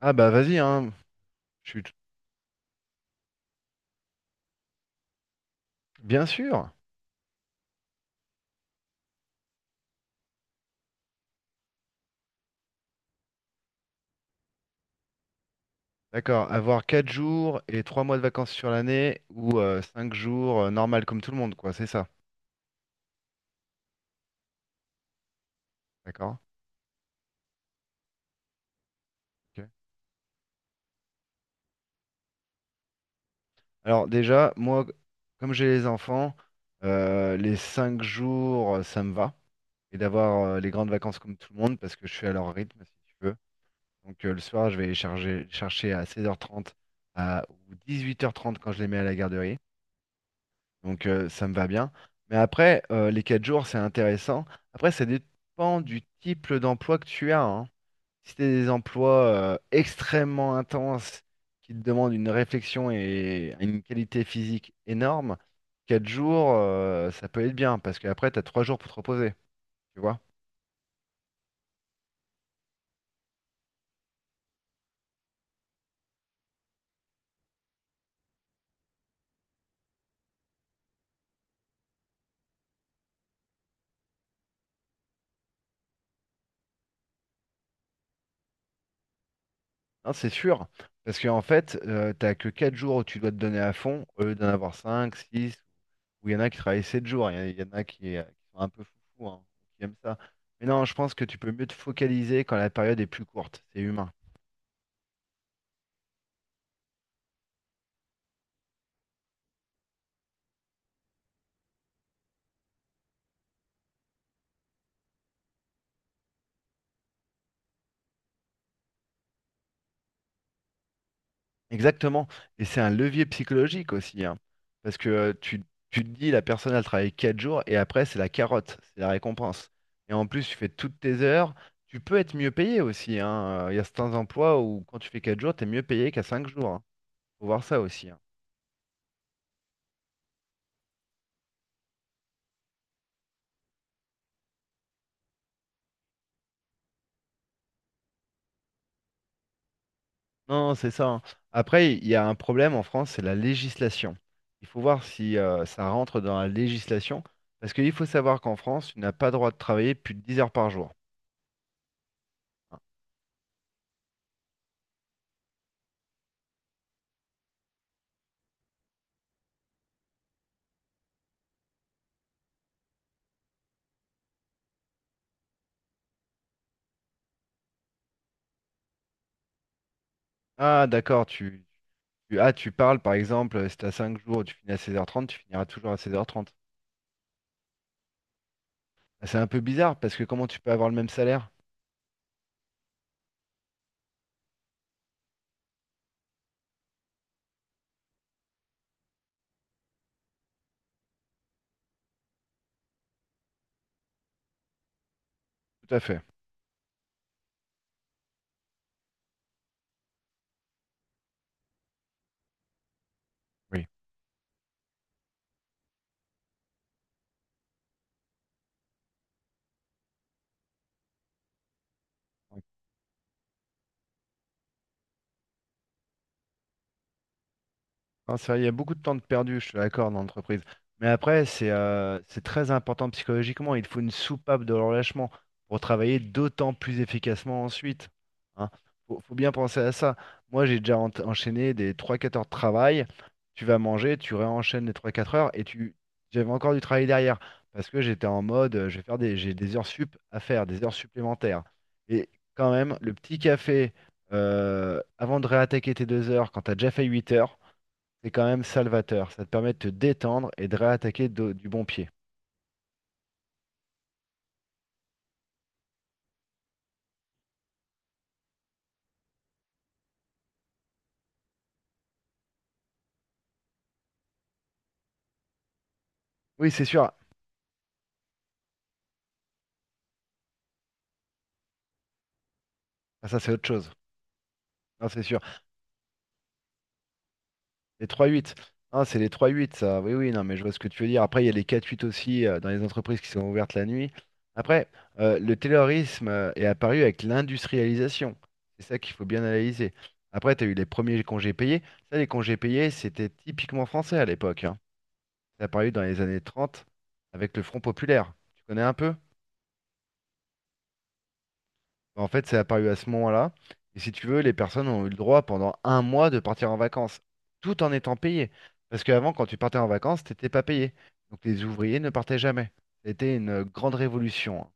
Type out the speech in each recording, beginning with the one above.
Ah bah vas-y, hein. Je suis bien sûr. D'accord. Avoir 4 jours et 3 mois de vacances sur l'année ou 5 jours normal comme tout le monde, quoi. C'est ça. D'accord. Ok. Alors déjà, moi, comme j'ai les enfants, les 5 jours, ça me va. Et d'avoir les grandes vacances comme tout le monde parce que je suis à leur rythme, si tu veux. Donc le soir, je vais les chercher à 16h30 ou 8h30 quand je les mets à la garderie. Donc ça me va bien. Mais après, les 4 jours, c'est intéressant. Après, ça dépend du type d'emploi que tu as, hein. Si tu des emplois extrêmement intenses qui te demandent une réflexion et une qualité physique énorme, 4 jours, ça peut être bien parce qu'après, tu as 3 jours pour te reposer. Tu vois? Non, c'est sûr. Parce qu'en fait, tu t'as que 4 jours où tu dois te donner à fond au lieu d'en avoir 5, 6. Où il y en a qui travaillent 7 jours, il y en a qui sont un peu foufous, hein, qui aiment ça. Mais non, je pense que tu peux mieux te focaliser quand la période est plus courte, c'est humain. Exactement, et c'est un levier psychologique aussi, hein, parce que tu te dis, la personne, elle travaille 4 jours, et après, c'est la carotte, c'est la récompense. Et en plus, tu fais toutes tes heures, tu peux être mieux payé aussi, hein. Il y a certains emplois où quand tu fais 4 jours, tu es mieux payé qu'à 5 jours, hein. Faut voir ça aussi, hein. Non, c'est ça, hein. Après, il y a un problème en France, c'est la législation. Il faut voir si ça rentre dans la législation, parce qu'il faut savoir qu'en France, tu n'as pas droit de travailler plus de 10 heures par jour. Hein. Ah, d'accord, tu parles par exemple, si tu as 5 jours, tu finis à 16h30, tu finiras toujours à 16h30. Ah, c'est un peu bizarre, parce que comment tu peux avoir le même salaire? Tout à fait. Oui. Non, c'est vrai, il y a beaucoup de temps de perdu, je suis d'accord, dans l'entreprise. Mais après, c'est très important psychologiquement. Il faut une soupape de relâchement pour travailler d'autant plus efficacement ensuite. Hein. Faut bien penser à ça. Moi, j'ai déjà enchaîné des trois quatre heures de travail. Tu vas manger, tu réenchaînes les trois quatre heures et tu j'avais encore du travail derrière parce que j'étais en mode, je vais j'ai des heures sup à faire, des heures supplémentaires. Et quand même, le petit café avant de réattaquer tes 2 heures, quand tu as déjà fait 8 heures, c'est quand même salvateur. Ça te permet de te détendre et de réattaquer du bon pied. Oui, c'est sûr. Ah, ça, c'est autre chose. Non, c'est sûr. Les trois huit. Ah, c'est les trois huit, ça. Oui, oui, non, mais je vois ce que tu veux dire. Après, il y a les quatre huit aussi dans les entreprises qui sont ouvertes la nuit. Après, le terrorisme est apparu avec l'industrialisation. C'est ça qu'il faut bien analyser. Après, tu as eu les premiers congés payés. Ça, les congés payés, c'était typiquement français à l'époque, hein. C'est apparu dans les années 30 avec le Front populaire. Tu connais un peu? En fait, c'est apparu à ce moment-là. Et si tu veux, les personnes ont eu le droit pendant un mois de partir en vacances, tout en étant payées. Parce qu'avant, quand tu partais en vacances, t'étais pas payé. Donc les ouvriers ne partaient jamais. C'était une grande révolution, hein.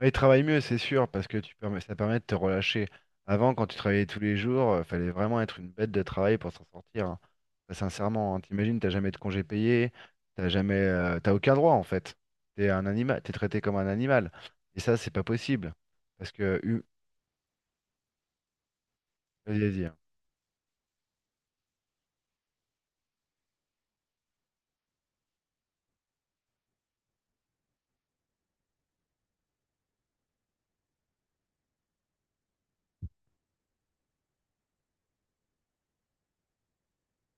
Et ils travaillent mieux, c'est sûr, parce que ça permet de te relâcher. Avant, quand tu travaillais tous les jours, il fallait vraiment être une bête de travail pour s'en sortir, hein. Bah, sincèrement, hein, t'imagines, t'as jamais de congé payé, t'as aucun droit en fait. T'es un animal, t'es traité comme un animal. Et ça, c'est pas possible. Parce que hu- Vas-y, hein.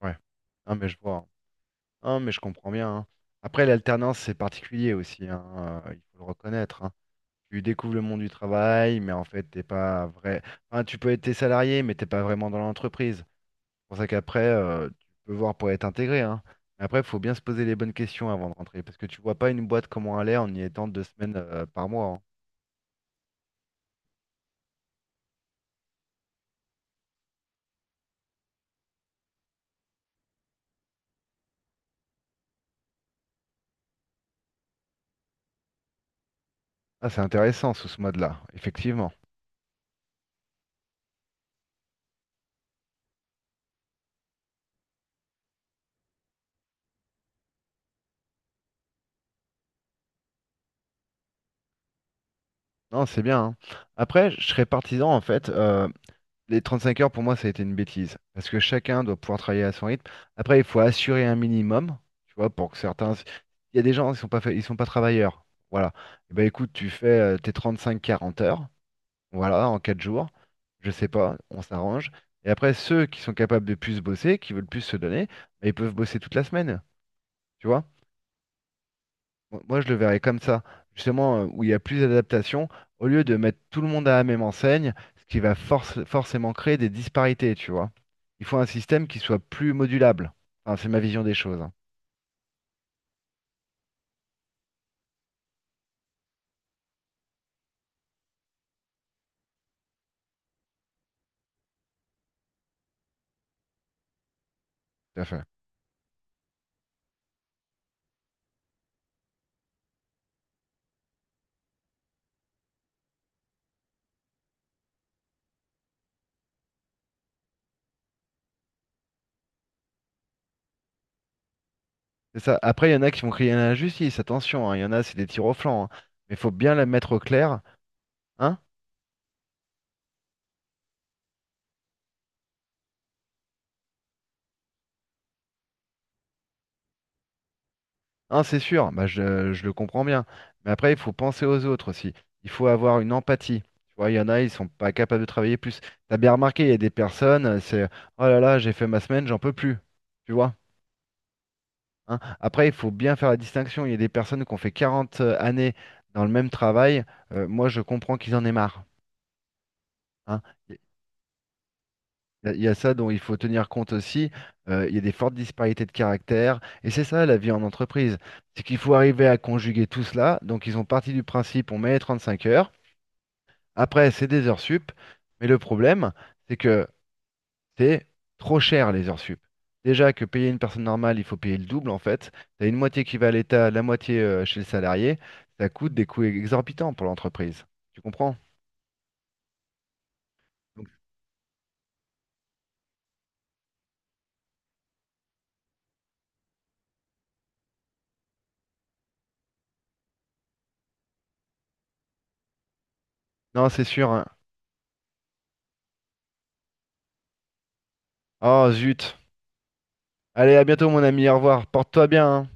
Ouais. Non, mais je vois, hein. Non, mais je comprends bien, hein. Après, l'alternance, c'est particulier aussi, hein, il faut le reconnaître, hein. Tu découvres le monde du travail, mais en fait, t'es pas vrai. Enfin, tu peux être tes salarié, mais t'es pas vraiment dans l'entreprise. C'est pour ça qu'après, tu peux voir pour être intégré, hein. Mais après, il faut bien se poser les bonnes questions avant de rentrer, parce que tu vois pas une boîte comment elle est en y étant deux semaines par mois, hein. Ah, c'est intéressant sous ce mode-là, effectivement. Non, c'est bien, hein. Après, je serais partisan en fait. Les 35 heures, pour moi, ça a été une bêtise. Parce que chacun doit pouvoir travailler à son rythme. Après, il faut assurer un minimum, tu vois, pour que certains. Il y a des gens, ils sont pas travailleurs. Voilà. Eh ben écoute, tu fais tes 35-40 heures, voilà, en 4 jours. Je sais pas, on s'arrange. Et après, ceux qui sont capables de plus bosser, qui veulent plus se donner, ben, ils peuvent bosser toute la semaine. Tu vois? Moi, je le verrais comme ça, justement, où il y a plus d'adaptation, au lieu de mettre tout le monde à la même enseigne, ce qui va forcément créer des disparités, tu vois. Il faut un système qui soit plus modulable. Enfin, c'est ma vision des choses, hein, tout à fait. C'est ça. Après, il y en a qui vont crier à l'injustice, attention, hein, il y en a, c'est des tirs au flanc, hein. Mais il faut bien la mettre au clair, hein. Hein, c'est sûr, bah, je le comprends bien. Mais après, il faut penser aux autres aussi. Il faut avoir une empathie. Tu vois, il y en a, ils sont pas capables de travailler plus. T'as bien remarqué, il y a des personnes, c'est oh là là, j'ai fait ma semaine, j'en peux plus. Tu vois? Hein. Après, il faut bien faire la distinction. Il y a des personnes qui ont fait 40 années dans le même travail. Moi, je comprends qu'ils en aient marre, hein. Il y a ça dont il faut tenir compte aussi. Il y a des fortes disparités de caractère. Et c'est ça la vie en entreprise. C'est qu'il faut arriver à conjuguer tout cela. Donc ils ont parti du principe, on met les 35 heures. Après, c'est des heures sup. Mais le problème, c'est que c'est trop cher les heures sup. Déjà que payer une personne normale, il faut payer le double en fait. Tu as une moitié qui va à l'État, la moitié chez le salarié. Ça coûte des coûts exorbitants pour l'entreprise. Tu comprends? Donc, non, c'est sûr, hein. Oh zut. Allez, à bientôt mon ami. Au revoir. Porte-toi bien, hein.